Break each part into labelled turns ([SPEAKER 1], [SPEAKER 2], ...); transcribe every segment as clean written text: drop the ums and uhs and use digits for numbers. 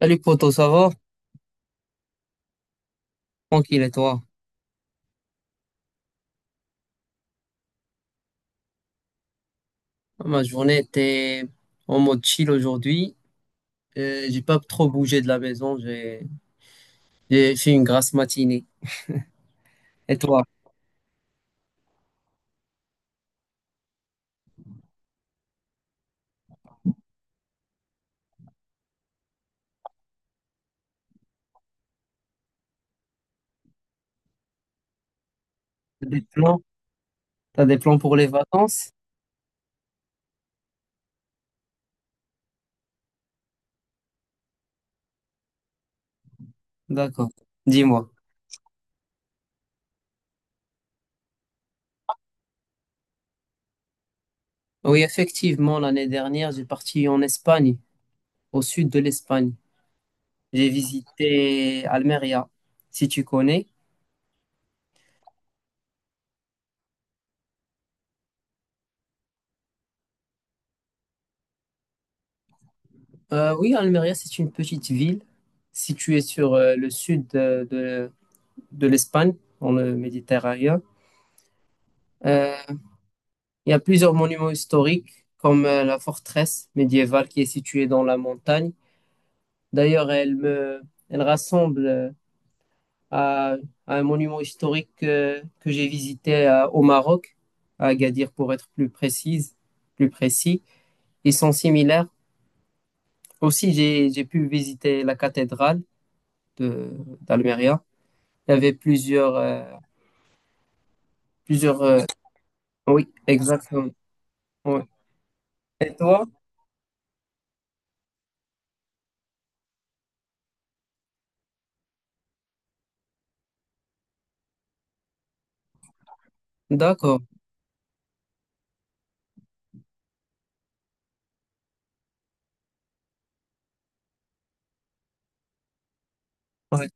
[SPEAKER 1] Salut poto, ça va? Tranquille et toi? Ah, ma journée était en mode chill aujourd'hui. J'ai pas trop bougé de la maison. J'ai fait une grasse matinée. Et toi? T'as des plans? T'as des plans pour les vacances? D'accord. Dis-moi. Oui, effectivement, l'année dernière, j'ai parti en Espagne, au sud de l'Espagne. J'ai visité Almeria, si tu connais. Oui, Almeria, c'est une petite ville située sur le sud de l'Espagne, dans le Méditerranée. Euh, Il y a plusieurs monuments historiques, comme la forteresse médiévale qui est située dans la montagne. D'ailleurs, elle rassemble à, à un monument historique que j'ai visité au Maroc, à Agadir pour être plus précis. Ils sont similaires. Aussi, j'ai pu visiter la cathédrale de, d'Almeria. Il y avait plusieurs, euh, oui, exactement. Ouais. Et toi? D'accord. Ouais.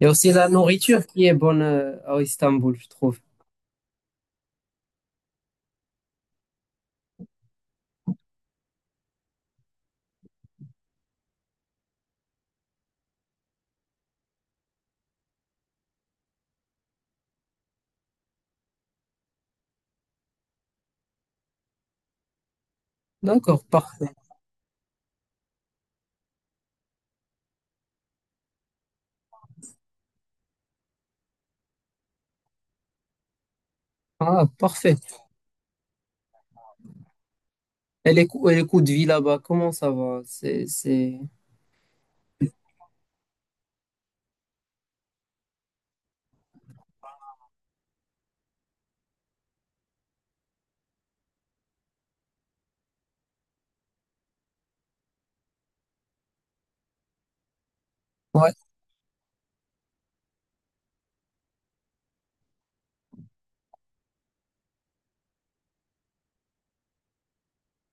[SPEAKER 1] Il y a aussi la nourriture qui est bonne à Istanbul, je trouve. D'accord, parfait. Ah, parfait. Et les coûts de vie là-bas, comment ça va? C'est... Ouais.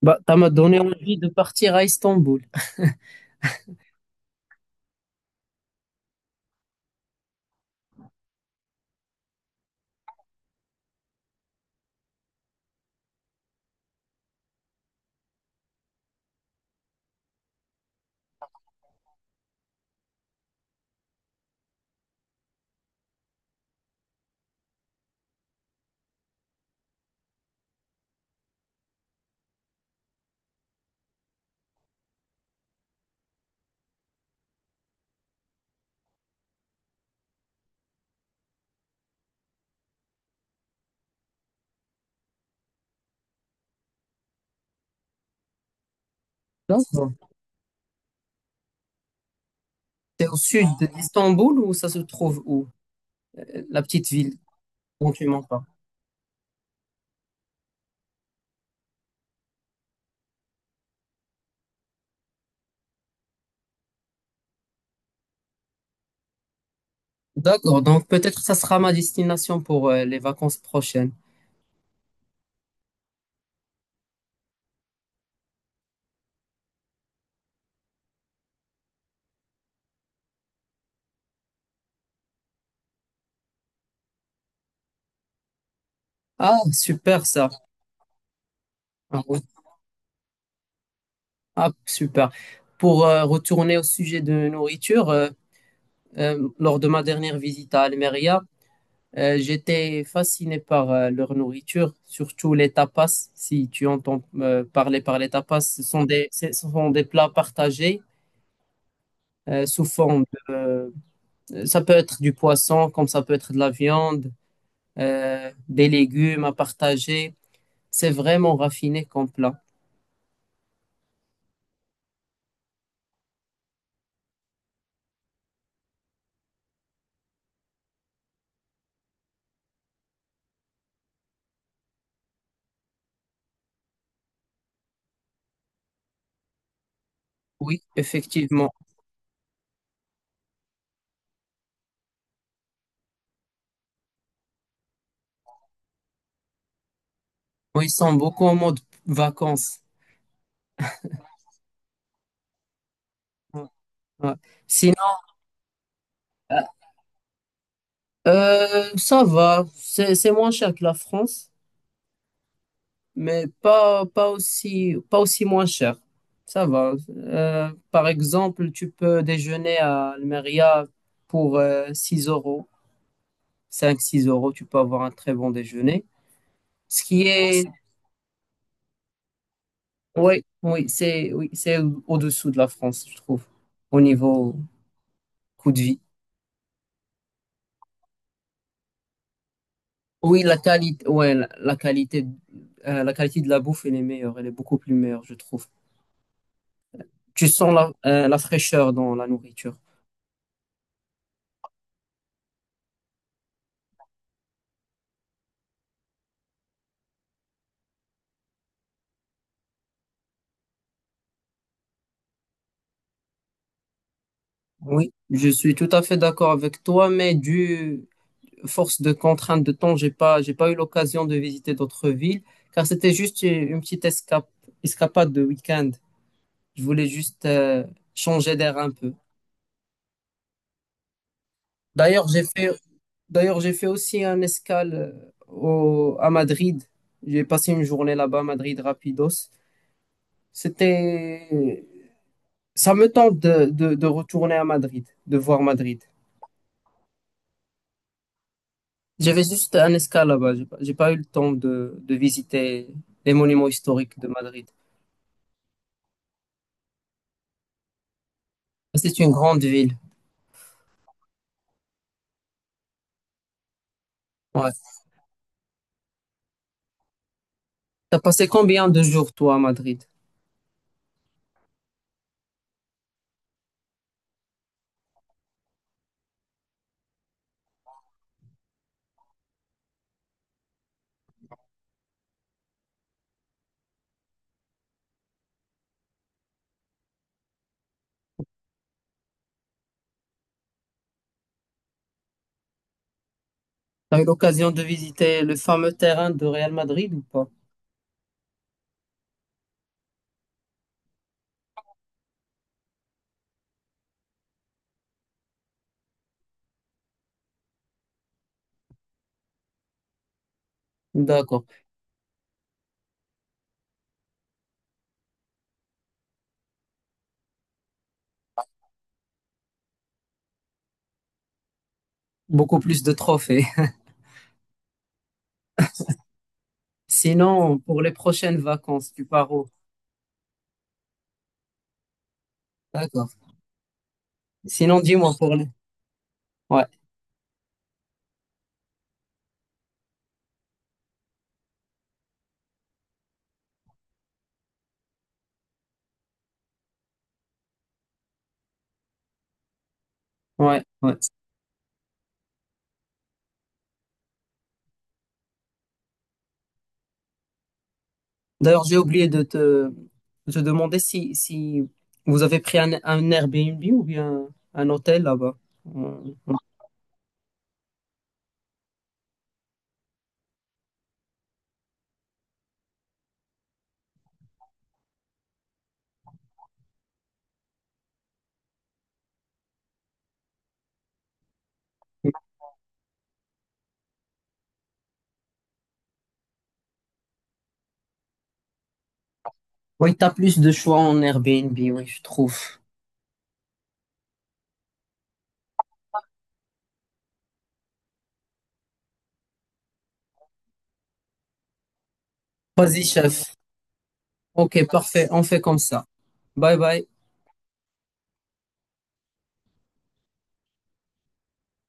[SPEAKER 1] Bah, ça m'a donné envie de partir à Istanbul. D'accord. C'est au sud d'Istanbul ou ça se trouve où? La petite ville dont tu m'en parles. D'accord, donc peut-être ça sera ma destination pour les vacances prochaines. Ah, super ça. Ah, oui. Ah, super. Pour retourner au sujet de nourriture, lors de ma dernière visite à Almeria, j'étais fasciné par leur nourriture, surtout les tapas. Si tu entends parler par les tapas, ce sont ce sont des plats partagés sous forme ça peut être du poisson, comme ça peut être de la viande, des légumes à partager. C'est vraiment raffiné comme plat. Oui, effectivement. Oui, ils sont beaucoup en mode vacances. Ouais, ouais. Sinon, ça va. C'est moins cher que la France, mais pas, pas aussi, pas aussi moins cher. Ça va. Par exemple, tu peux déjeuner à Almeria pour 6 euros, cinq six euros, tu peux avoir un très bon déjeuner. Ce qui Ah, est, oui, oui, oui, c'est au-dessous de la France, je trouve, au niveau coût de vie. Oui, la qualité, ouais, la qualité de la bouffe, elle est meilleure, elle est beaucoup plus meilleure, je trouve. Tu sens la, la fraîcheur dans la nourriture. Oui, je suis tout à fait d'accord avec toi, mais du force de contrainte de temps, j'ai pas eu l'occasion de visiter d'autres villes, car c'était juste une petite escape, escapade de week-end. Je voulais juste changer d'air un peu. D'ailleurs, j'ai fait, d'ailleurs, j'ai fait aussi un escale à Madrid. J'ai passé une journée là-bas à Madrid rapidos. C'était, ça me tente de retourner à Madrid, de voir Madrid. J'avais juste un escale là-bas. J'ai pas eu le temps de visiter les monuments historiques de Madrid. C'est une grande ville. Ouais. T'as passé combien de jours, toi, à Madrid? T'as eu l'occasion de visiter le fameux terrain de Real Madrid ou pas? D'accord. Beaucoup plus de trophées. Sinon, pour les prochaines vacances, tu pars où? D'accord. Sinon, dis-moi pour les... Ouais, ouais, ouais. D'ailleurs, j'ai oublié de te demander si, si vous avez pris un Airbnb ou bien un hôtel là-bas. Euh, Oui, t'as plus de choix en Airbnb, oui, je trouve. Vas-y, chef. Ok, parfait, on fait comme ça. Bye bye.